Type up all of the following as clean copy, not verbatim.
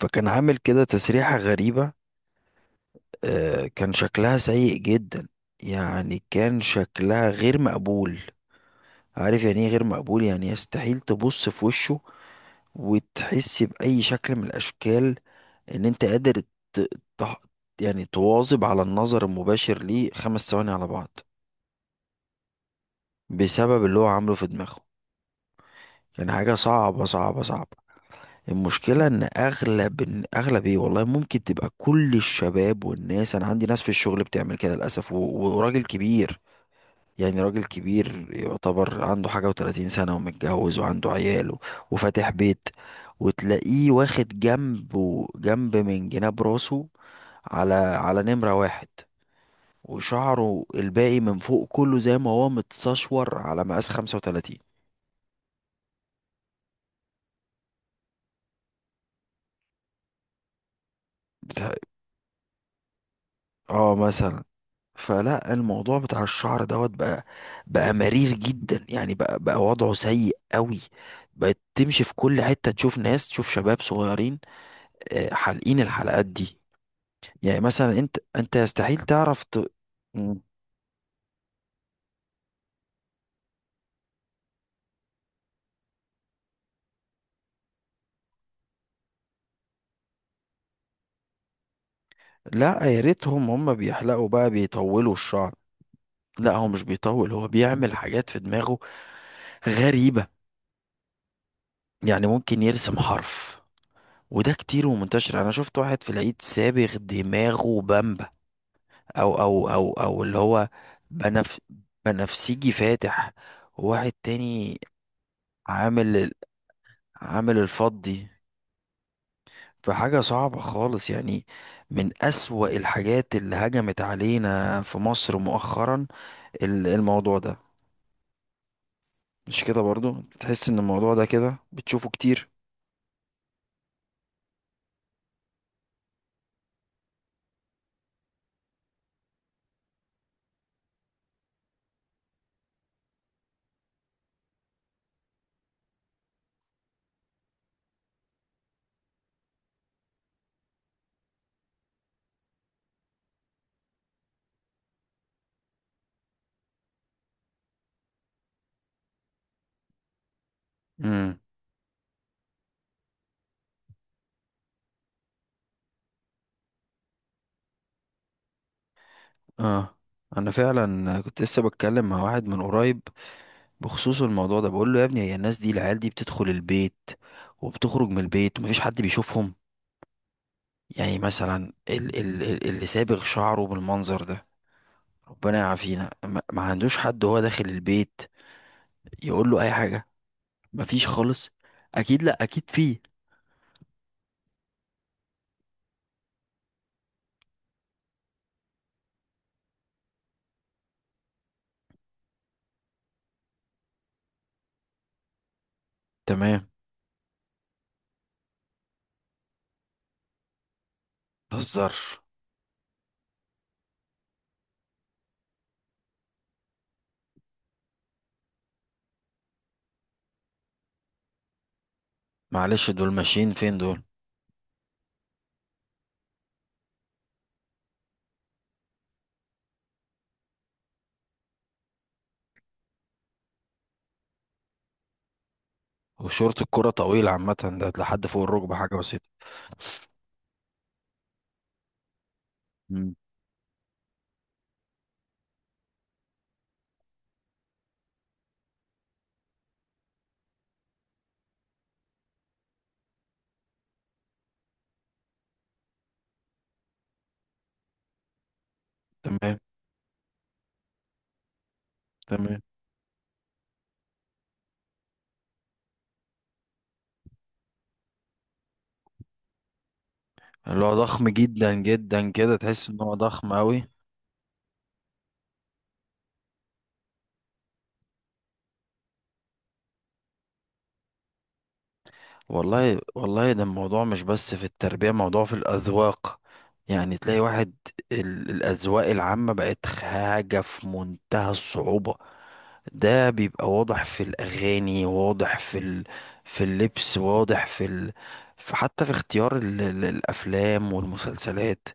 فكان عامل كده تسريحة غريبة. آه، كان شكلها سيء جدا، يعني كان شكلها غير مقبول. عارف يعني ايه غير مقبول؟ يعني يستحيل تبص في وشه وتحس بأي شكل من الأشكال إن أنت قادر ت... ت... يعني تواظب على النظر المباشر ليه خمس ثواني على بعض بسبب اللي هو عامله في دماغه. كان حاجة صعبة صعبة صعبة. المشكلة ان اغلب إن اغلب ايه والله ممكن تبقى كل الشباب والناس. انا عندي ناس في الشغل بتعمل كده للاسف وراجل كبير، يعني راجل كبير يعتبر عنده حاجة و30 سنة ومتجوز وعنده عيال وفاتح بيت، وتلاقيه واخد جنب جنب من جناب راسه على نمرة واحد، وشعره الباقي من فوق كله زي ما هو متسشور على مقاس 35. بتاع- اه، مثلا. فلا الموضوع بتاع الشعر دوت بقى مرير جدا، يعني بقى وضعه سيء قوي. بقت تمشي في كل حتة تشوف ناس، تشوف شباب صغيرين. آه، حالقين الحلقات دي. يعني مثلا انت يستحيل تعرف مم. لا، يا ريتهم هم بيحلقوا بقى بيطولوا الشعر. لا، هو مش بيطول، هو بيعمل حاجات في دماغه غريبة. يعني ممكن يرسم حرف. وده كتير ومنتشر، انا شفت واحد في العيد سابغ دماغه بامبا، او اللي هو بنف بنفسجي فاتح. وواحد تاني عامل عامل الفضي. فحاجة صعبة خالص، يعني من أسوأ الحاجات اللي هجمت علينا في مصر مؤخرا الموضوع ده. مش كده برضو؟ أنت تحس ان الموضوع ده كده بتشوفه كتير. امم. اه، انا فعلا كنت لسه بتكلم مع واحد من قريب بخصوص الموضوع ده. بقول له يا ابني، هي الناس دي العيال دي بتدخل البيت وبتخرج من البيت ومفيش حد بيشوفهم؟ يعني مثلا اللي سابغ شعره بالمنظر ده، ربنا يعافينا، ما عندوش حد وهو داخل البيت يقول له اي حاجة؟ مفيش خالص. اكيد، لا اكيد فيه. تمام. متهزرش. معلش دول ماشيين فين دول؟ وشورت الكرة طويل عامة، ده لحد فوق الركبة حاجة بسيطة. مم. تمام. تمام. اللي هو ضخم جدا جدا كده، تحس ان هو ضخم اوي. والله والله ده الموضوع مش بس في التربية، موضوع في الأذواق. يعني تلاقي واحد، الأذواق العامة بقت حاجة في منتهى الصعوبة. ده بيبقى واضح في الأغاني، واضح في ال... في اللبس، واضح في ال... في، حتى في اختيار ال... الأفلام والمسلسلات.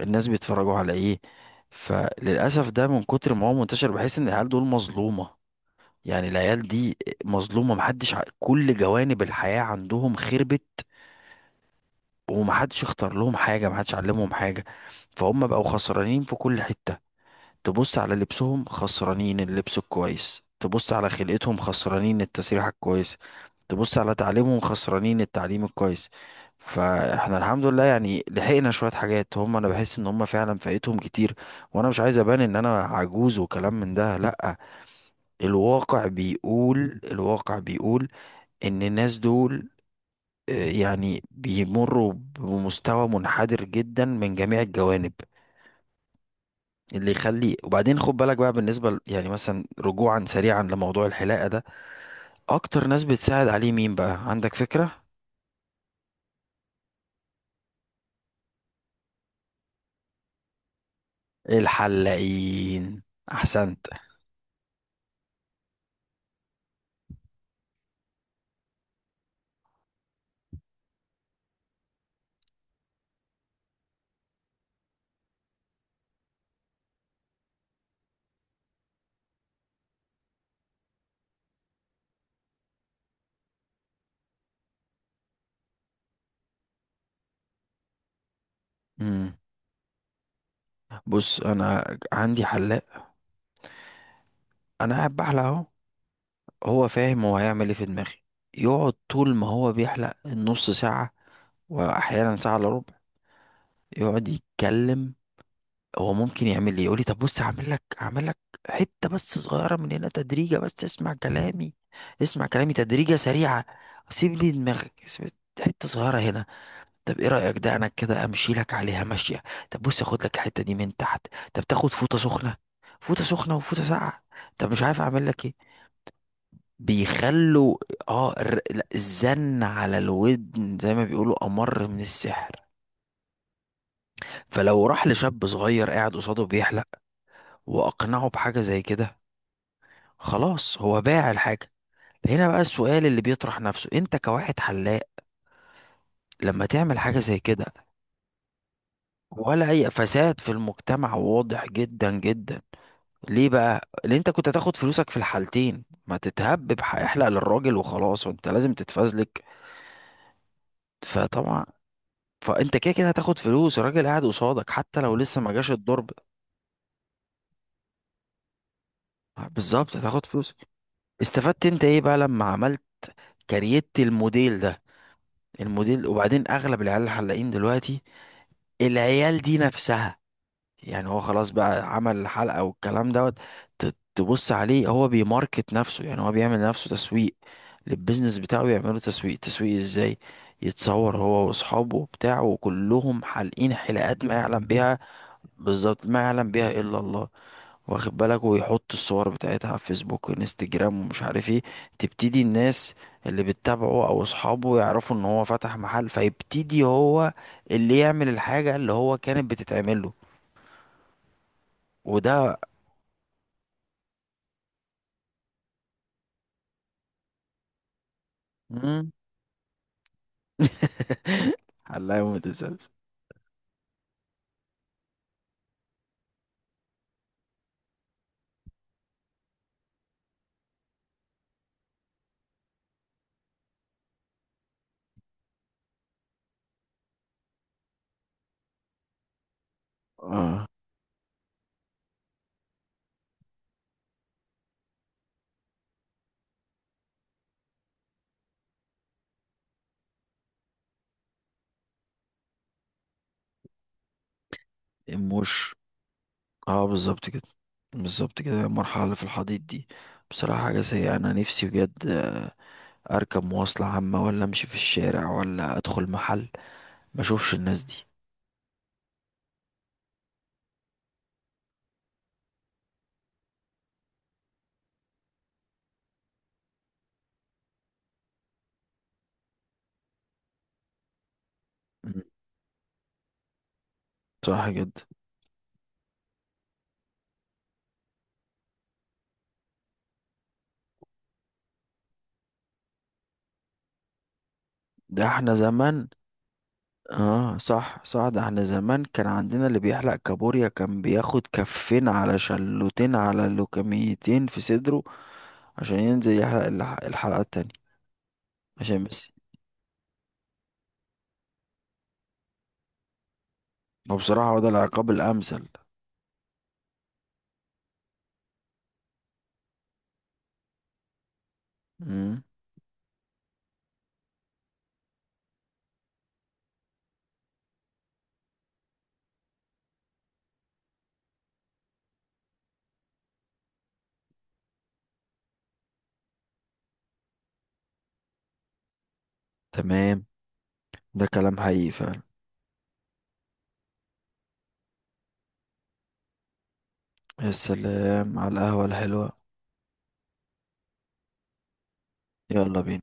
الناس بيتفرجوا على إيه؟ فللأسف ده من كتر ما هو منتشر بحس إن العيال دول مظلومة. يعني العيال دي مظلومة، محدش كل جوانب الحياة عندهم خربت. ومحدش اختار لهم حاجة، محدش علمهم حاجة. فهم بقوا خسرانين في كل حتة. تبص على لبسهم خسرانين اللبس الكويس، تبص على خلقتهم خسرانين التسريحة الكويسة، تبص على تعليمهم خسرانين التعليم الكويس. فاحنا الحمد لله يعني لحقنا شوية حاجات. هم انا بحس ان هم فعلا فايتهم كتير. وانا مش عايز ابان ان انا عجوز وكلام من ده، لا. الواقع بيقول، الواقع بيقول ان الناس دول، آه، يعني بيمروا بمستوى منحدر جدا من جميع الجوانب. اللي يخلي، وبعدين خد بالك بقى بالنسبة يعني مثلا، رجوعا سريعا لموضوع الحلاقة ده، اكتر ناس بتساعد عليه مين بقى، عندك فكرة؟ الحلاقين. احسنت. امم. بص انا عندي حلاق، انا قاعد بحلق اهو، هو فاهم هو هيعمل ايه في دماغي. يقعد طول ما هو بيحلق النص ساعة، واحيانا ساعة الا ربع، يقعد يتكلم. هو ممكن يعمل لي، يقول لي طب بص هعمل لك، هعمل لك حته بس صغيره من هنا تدريجه، بس اسمع كلامي، اسمع كلامي تدريجه سريعه. سيب لي دماغك. حته صغيره هنا. طب ايه رايك، ده انا كده امشي لك عليها ماشيه. طب بص اخد لك الحته دي من تحت. طب تاخد فوطه سخنه، فوطه سخنه وفوطه ساقعه. طب مش عارف اعمل لك ايه. بيخلوا لا، الزن على الودن زي ما بيقولوا امر من السحر. فلو راح لشاب صغير قاعد قصاده بيحلق واقنعه بحاجه زي كده، خلاص هو باع الحاجة. هنا بقى السؤال اللي بيطرح نفسه، انت كواحد حلاق لما تعمل حاجة زي كده، ولا اي فساد في المجتمع واضح جدا جدا. ليه بقى؟ لان انت كنت هتاخد فلوسك في الحالتين، ما تتهبب، احلق للراجل وخلاص، وانت لازم تتفزلك. فطبعا، فانت كده كده هتاخد فلوس الراجل قاعد قصادك حتى لو لسه ما جاش الضرب. بالظبط هتاخد فلوس. استفدت انت ايه بقى لما عملت؟ كريت الموديل ده، الموديل. وبعدين اغلب العيال الحلاقين دلوقتي، العيال دي نفسها، يعني هو خلاص بقى عمل الحلقة والكلام دوت، تبص عليه هو بيماركت نفسه، يعني هو بيعمل لنفسه تسويق للبيزنس بتاعه. يعملوا تسويق، تسويق ازاي؟ يتصور هو واصحابه وبتاعه وكلهم حالقين حلقات ما يعلم بيها، بالظبط، ما يعلم بيها الا الله. واخد بالك؟ ويحط الصور بتاعتها على فيسبوك وانستجرام ومش عارف ايه. تبتدي الناس اللي بتتابعه او اصحابه يعرفوا ان هو فتح محل، فيبتدي هو اللي يعمل الحاجة اللي هو كانت بتتعمل له. وده مم. حلاوة متسلسل. اه. الموش، اه بالظبط كده، بالظبط كده. المرحلة اللي في الحضيض دي بصراحة حاجة سيئة. أنا نفسي بجد، آه، أركب مواصلة عامة ولا أمشي في الشارع ولا أدخل محل ما أشوفش الناس دي. مم. صراحة جدا. ده احنا زمان. اه صح صح، ده احنا زمان كان عندنا اللي بيحلق كابوريا كان بياخد كفين على شلوتين، على لوكميتين في صدره، عشان ينزل يحلق الحلقة التانية. عشان بس. هو بصراحة هو ده العقاب الأمثل. مم. تمام. ده كلام حقيقي فعلا. يا سلام على القهوة الحلوة. يلا بينا.